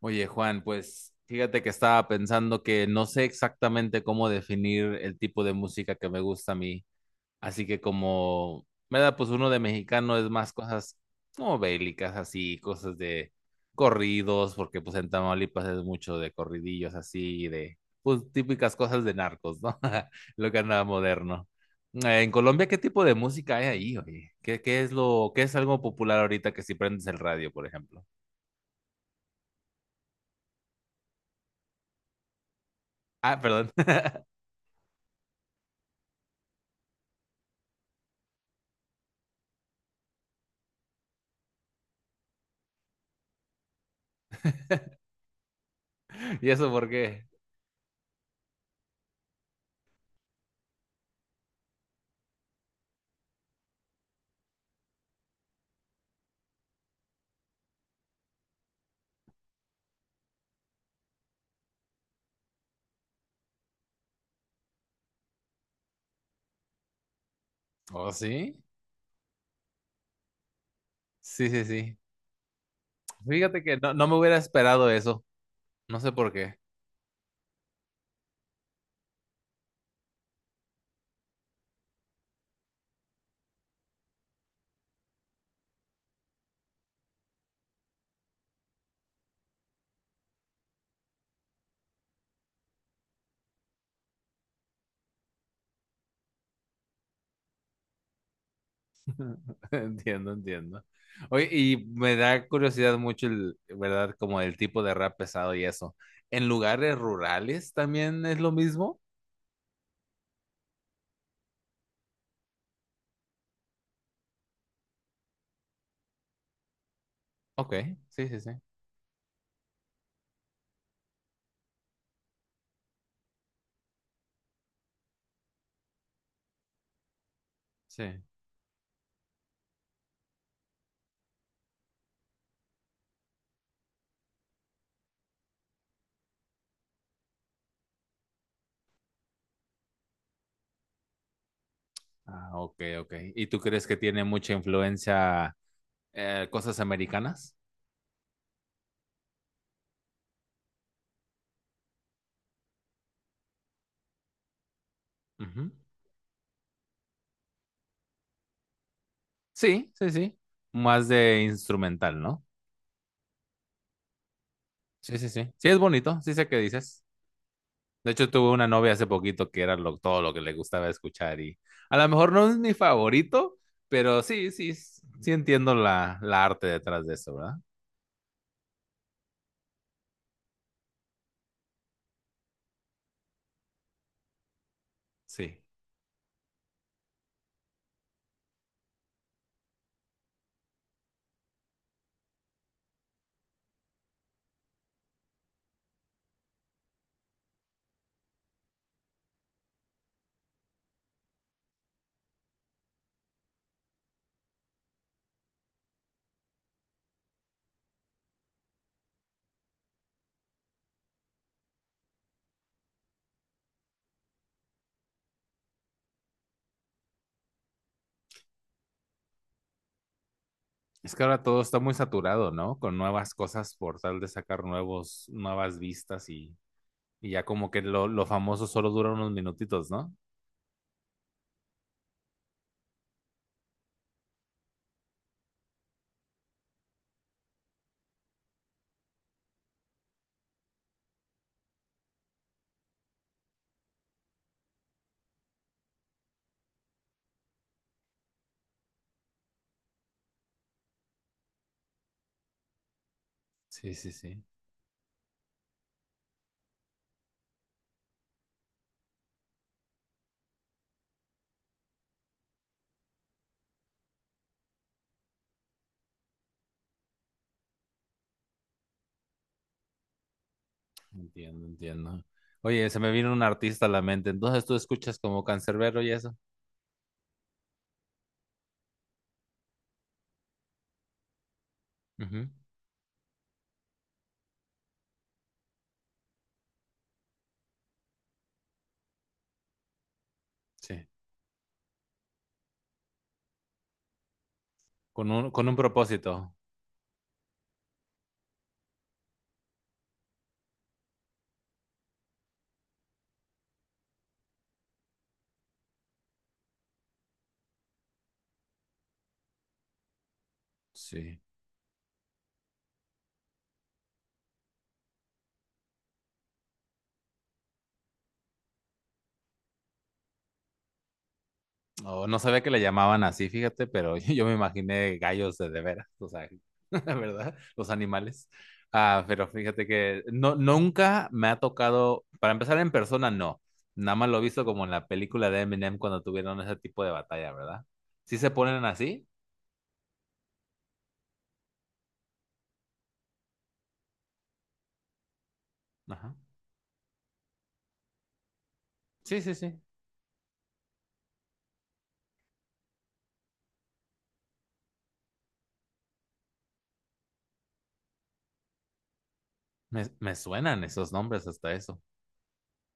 Oye, Juan, pues fíjate que estaba pensando que no sé exactamente cómo definir el tipo de música que me gusta a mí. Así que como me da pues uno de mexicano es más cosas como bélicas así, cosas de corridos, porque pues en Tamaulipas es mucho de corridillos así, de pues típicas cosas de narcos, ¿no? Lo que anda moderno. En Colombia, ¿qué tipo de música hay ahí, oye? ¿Qué es lo, qué es algo popular ahorita que si prendes el radio, por ejemplo? Ah, perdón. ¿Y eso por qué? ¿Oh, sí? Sí, sí, sí. Fíjate que no me hubiera esperado eso. No sé por qué. Entiendo, entiendo. Oye, y me da curiosidad mucho el, ¿verdad? Como el tipo de rap pesado y eso. ¿En lugares rurales también es lo mismo? Ok, sí, sí, sí. Sí. Ah, ok, ok. ¿Y tú crees que tiene mucha influencia cosas americanas? Ujú. Sí, sí, sí. Más de instrumental, ¿no? Sí, sí, sí. Sí, es bonito, sí sé qué dices. De hecho, tuve una novia hace poquito que era lo- todo lo que le gustaba escuchar y a lo mejor no es mi favorito, pero sí, sí, sí entiendo la arte detrás de eso, ¿verdad? Sí. Es que ahora todo está muy saturado, ¿no? Con nuevas cosas por tal de sacar nuevos, nuevas vistas y ya como que lo famoso solo dura unos minutitos, ¿no? Sí, sí, sí. Entiendo, entiendo. Oye, se me vino un artista a la mente. Entonces tú escuchas como Canserbero y eso. Ujú. Sí. Con un propósito. Sí. No, no sabía que le llamaban así, fíjate, pero yo me imaginé gallos de veras, o sea, ¿verdad? Los animales. Ah, pero fíjate que no, nunca me ha tocado, para empezar en persona, no. Nada más lo he visto como en la película de Eminem cuando tuvieron ese tipo de batalla, ¿verdad? ¿Sí se ponen así? Ajá. Sí, sí, sí. Me suenan esos nombres hasta eso.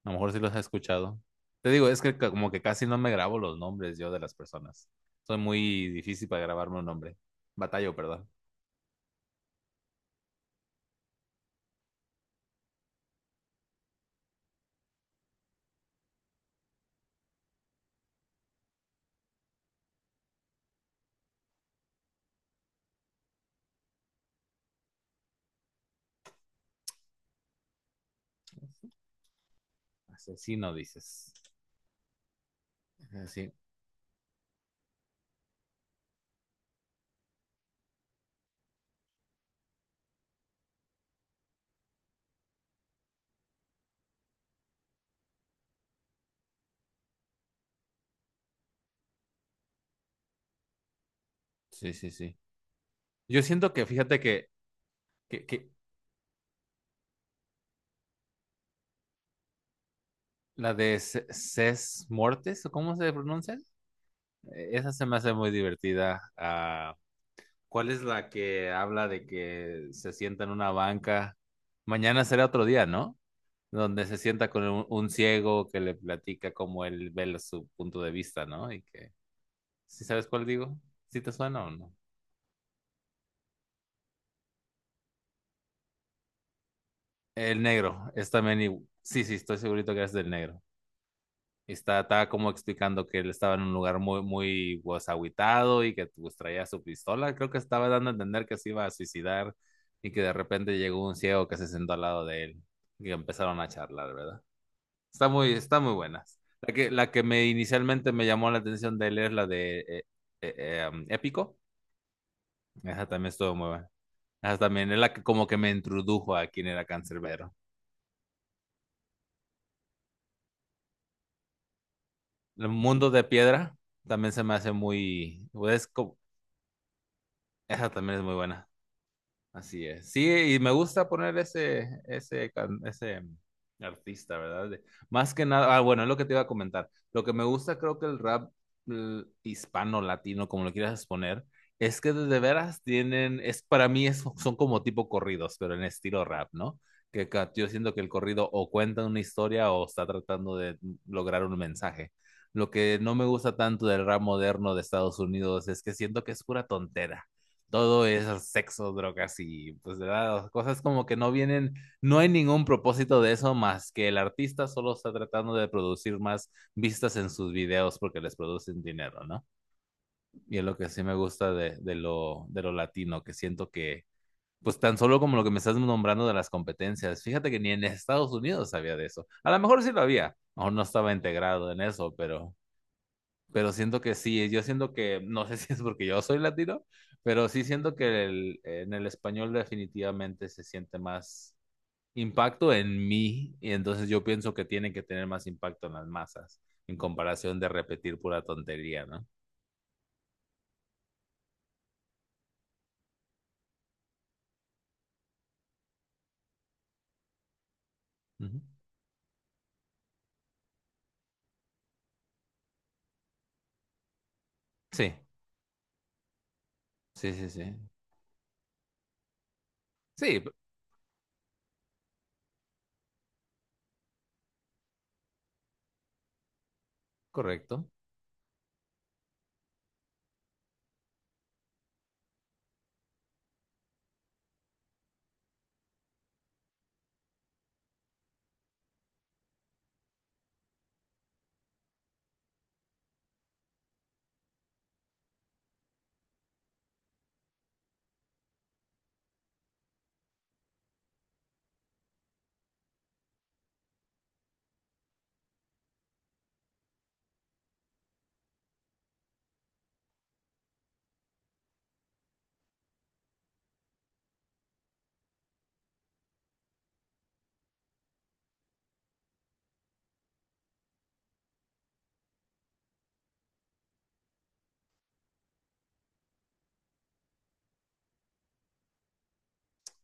A lo mejor sí los he escuchado. Te digo, es que ca- como que casi no me grabo los nombres yo de las personas. Soy muy difícil para grabarme un nombre. Batallo, perdón. Asesino, dices. Sí, sí, sí, sí. Yo siento que, fíjate que la de C- Ces Mortes, ¿o cómo se pronuncia? Esa se me hace muy divertida. Ah, ¿cuál es la que habla de que se sienta en una banca? Mañana será otro día, ¿no? Donde se sienta con un ciego que le platica cómo él ve lo- su punto de vista, ¿no? Y que, ¿sí sabes cuál digo? ¿Sí te suena o no? El negro, es también, igu- sí, sí, estoy segurito que es del negro. Estaba como explicando que él estaba en un lugar muy, muy pues, agüitado y que pues, traía su pistola. Creo que estaba dando a entender que se iba a suicidar y que de repente llegó un ciego que se sentó al lado de él y empezaron a charlar, ¿verdad? Está muy buena. La que me inicialmente me llamó la atención de él es la de Épico. Esa también estuvo muy buena. Esa también es la que como que me introdujo a quién era Cancerbero. El mundo de piedra también se me hace muy... pues, es como, esa también es muy buena. Así es. Sí, y me gusta poner ese, ese, can- ese artista, ¿verdad? De- más que nada, ah, bueno, es lo que te iba a comentar. Lo que me gusta, creo que el rap l- hispano, latino, como lo quieras poner, es que de veras tienen, es para mí es, son como tipo corridos, pero en estilo rap, ¿no? Que ca- yo siento que el corrido o cuenta una historia o está tratando de lograr un mensaje. Lo que no me gusta tanto del rap moderno de Estados Unidos es que siento que es pura tontera, todo es sexo, drogas y pues de ¿verdad? Cosas como que no vienen, no hay ningún propósito de eso más que el artista solo está tratando de producir más vistas en sus videos porque les producen dinero, ¿no? Y es lo que sí me gusta de lo latino, que siento que, pues tan solo como lo que me estás nombrando de las competencias, fíjate que ni en Estados Unidos había de eso. A lo mejor sí lo había, aún no estaba integrado en eso, pero siento que sí, yo siento que, no sé si es porque yo soy latino, pero sí siento que el- en el español definitivamente se siente más impacto en mí y entonces yo pienso que tiene que tener más impacto en las masas en comparación de repetir pura tontería, ¿no? Ujú. Sí, sí, sí, sí. Sí, p- correcto.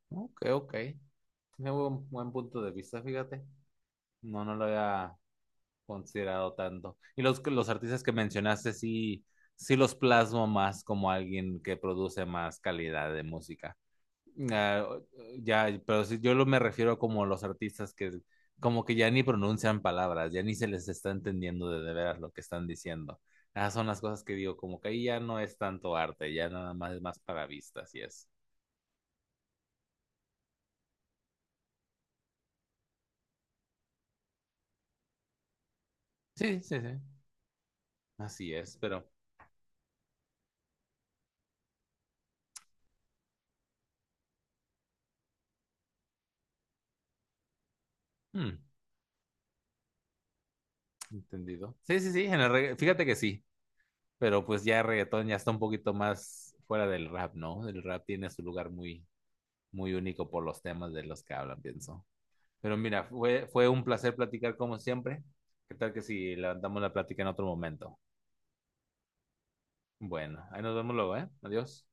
Ok, ok. Tiene buen, buen punto de vista, fíjate. No, no lo había considerado tanto. Y los artistas que mencionaste sí, sí los plasmo más como alguien que produce más calidad de música. Ah, ya, pero si yo lo me refiero como los artistas que como que ya ni pronuncian palabras, ya ni se les está entendiendo de veras lo que están diciendo. Esas son las cosas que digo, como que ahí ya no es tanto arte, ya nada más es más para vistas, y es. Sí, sí, sí, así es, pero hmm, entendido. Sí, sí, sí, en el regga- fíjate que sí. Pero pues ya el reggaetón ya está un poquito más fuera del rap, ¿no? El rap tiene su lugar muy, muy único por los temas de los que hablan, pienso. Pero mira, fue, fue un placer platicar como siempre. ¿Qué tal que si levantamos la plática en otro momento? Bueno, ahí nos vemos luego, ¿eh? Adiós.